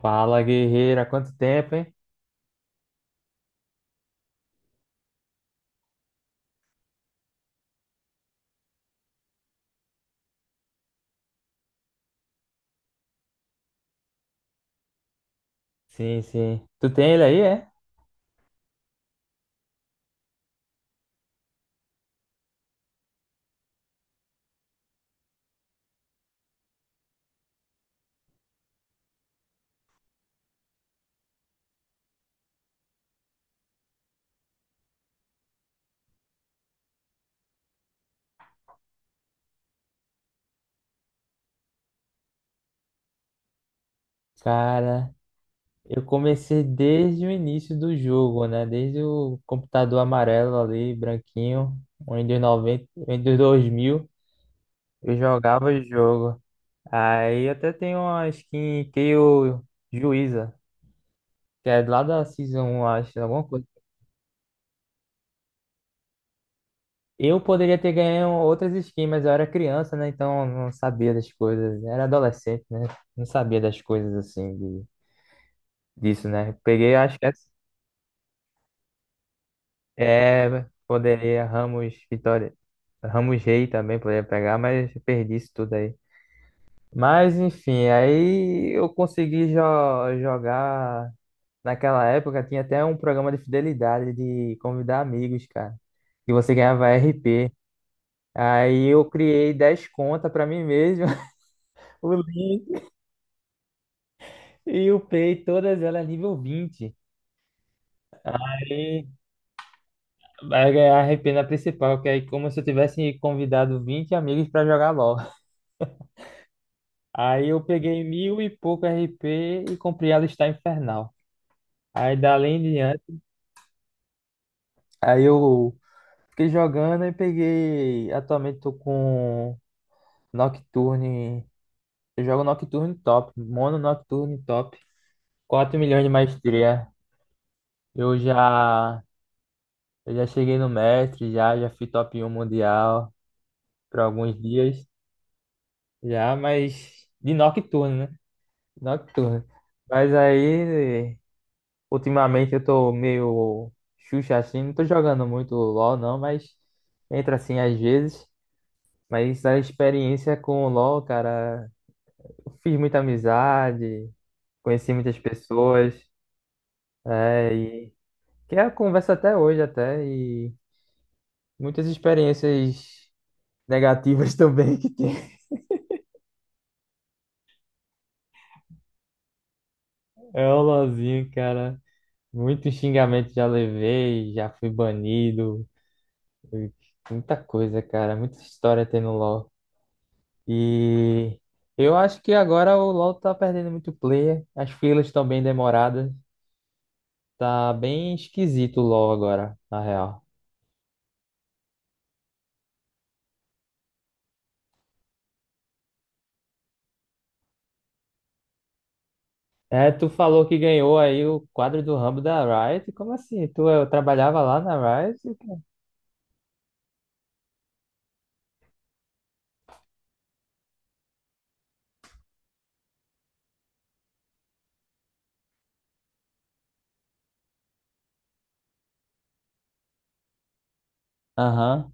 Fala, guerreira, quanto tempo, hein? Sim, sim. Tu tem ele aí, é? Cara, eu comecei desde o início do jogo, né? Desde o computador amarelo ali, branquinho, o Windows 90, Windows 2000 eu jogava o jogo. Aí até tem uma skin que eu Juíza, que é lá da Season 1, acho, alguma coisa. Eu poderia ter ganho outras skins, mas eu era criança, né? Então eu não sabia das coisas. Era adolescente, né? Não sabia das coisas assim, de disso, né? Peguei, acho que é, poderia Ramos Vitória, Ramos Rei também poderia pegar, mas perdi isso tudo aí. Mas enfim, aí eu consegui jo jogar. Naquela época tinha até um programa de fidelidade de convidar amigos, cara. E você ganhava RP. Aí eu criei 10 contas pra mim mesmo, o link, e upei todas elas nível 20. Vai ganhar a RP na principal, que aí como se eu tivesse convidado 20 amigos pra jogar LOL. Aí eu peguei mil e pouco RP e comprei a lista infernal. Aí dali em diante, aí eu fiquei jogando e peguei. Atualmente tô com Nocturne. Eu jogo Nocturne top, mono Nocturne top, 4 milhões de maestria. Eu já, eu já cheguei no mestre, já fui top um mundial por alguns dias. Já, mas de Nocturne, né? Nocturno. Mas aí, ultimamente eu tô meio Xuxa assim, não tô jogando muito LoL não, mas entra assim às vezes. Mas a experiência com o LoL, cara, eu fiz muita amizade, conheci muitas pessoas, é, e que é a conversa até hoje até, e muitas experiências negativas também que tem. É o LoLzinho, cara. Muito xingamento já levei, já fui banido. Muita coisa, cara. Muita história tem no LoL. E eu acho que agora o LoL tá perdendo muito player. As filas estão bem demoradas. Tá bem esquisito o LoL agora, na real. É, tu falou que ganhou aí o quadro do Rambo da Riot. Como assim? Tu trabalhava lá na Riot, cara? Aham.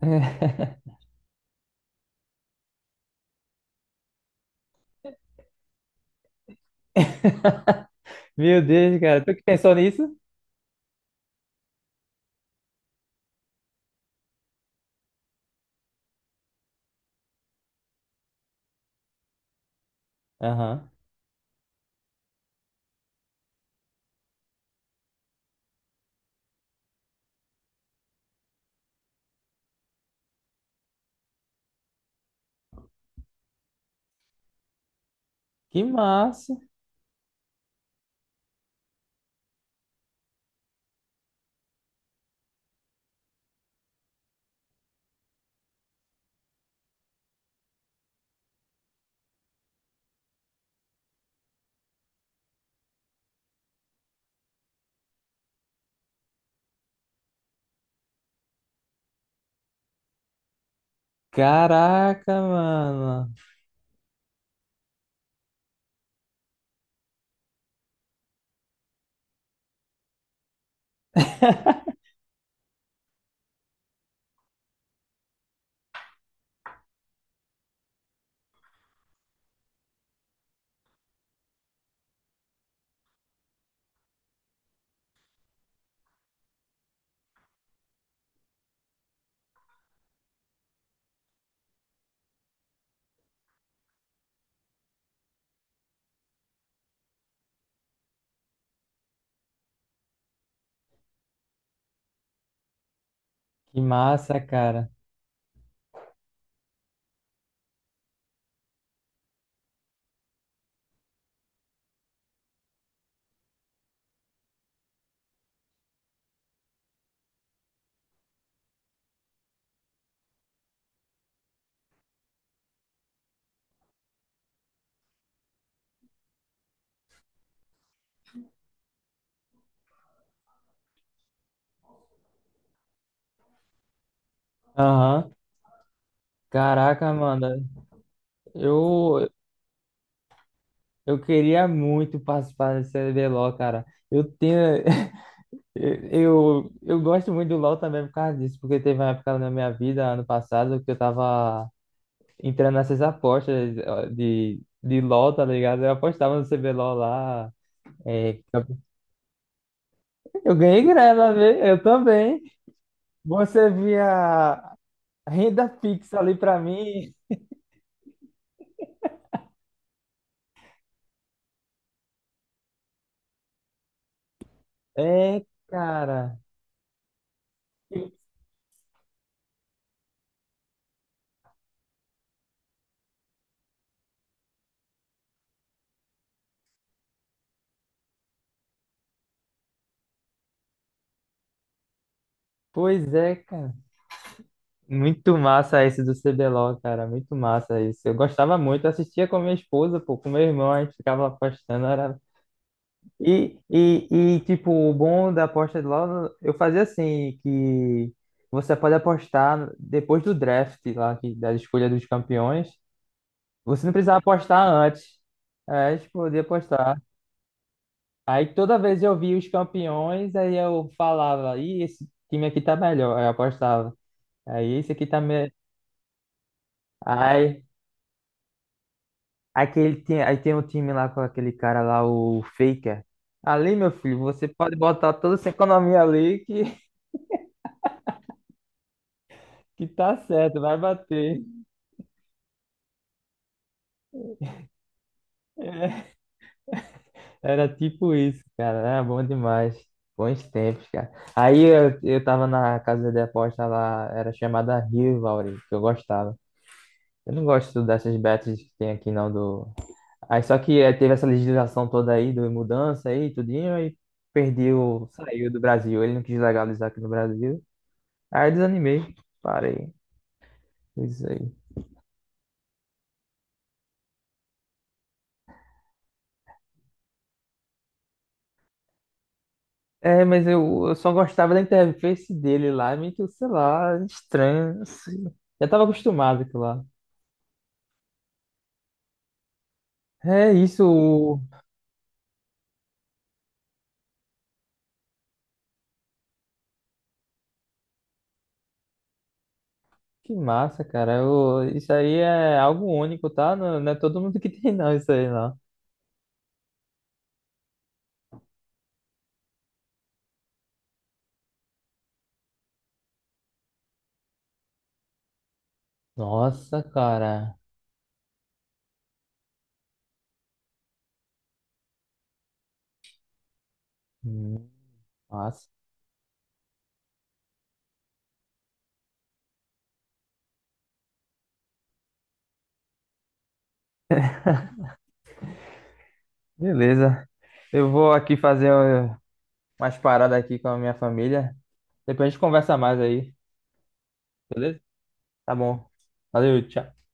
Meu Deus, cara. Tu que pensou nisso? Aham. Que massa. Caraca, mano. Que massa, cara. Aham. Caraca, mano. Eu, eu queria muito participar desse CBLOL, cara. Eu tenho. Eu gosto muito do LoL também por causa disso, porque teve uma época na minha vida, ano passado, que eu tava entrando nessas apostas ó, de LoL, tá ligado? Eu apostava no CBLOL lá. é, eu ganhei grana, né? Eu também. Você via renda fixa ali pra mim. É, cara. Pois é, cara. Muito massa esse do CBLOL, cara. Muito massa isso. Eu gostava muito, eu assistia com minha esposa, pô, com meu irmão, a gente ficava apostando. Era. E, e, e, tipo, o bom da aposta de LOL, eu fazia assim, que você pode apostar depois do draft lá, que, da escolha dos campeões. Você não precisava apostar antes. É, tipo, podia apostar. Aí toda vez eu via os campeões, aí eu falava, ih, esse time aqui tá melhor. Aí eu apostava. Aí esse aqui tá melhor. Aquele tem, aí tem um time lá com aquele cara lá, o Faker. Ali, meu filho, você pode botar toda essa economia ali que, que tá certo, vai bater. Era tipo isso, cara. Era bom demais. Bons tempos, cara. Aí eu tava na casa de aposta lá, era chamada Rivalry, que eu gostava. Eu não gosto dessas bets que tem aqui, não, do. Aí só que teve essa legislação toda aí, do mudança aí, tudinho, aí perdeu, saiu do Brasil. Ele não quis legalizar aqui no Brasil. Aí eu desanimei. Parei. Isso aí. É, mas eu só gostava da interface dele lá, meio, sei lá, estranho assim. Já tava acostumado com lá. É isso. Que massa, cara. Isso aí é algo único, tá? Não, não é todo mundo que tem, não, isso aí, não. Nossa, cara. Hum, massa. Beleza. Eu vou aqui fazer umas paradas aqui com a minha família. Depois a gente conversa mais aí, beleza? Tá bom. Valeu, tchau.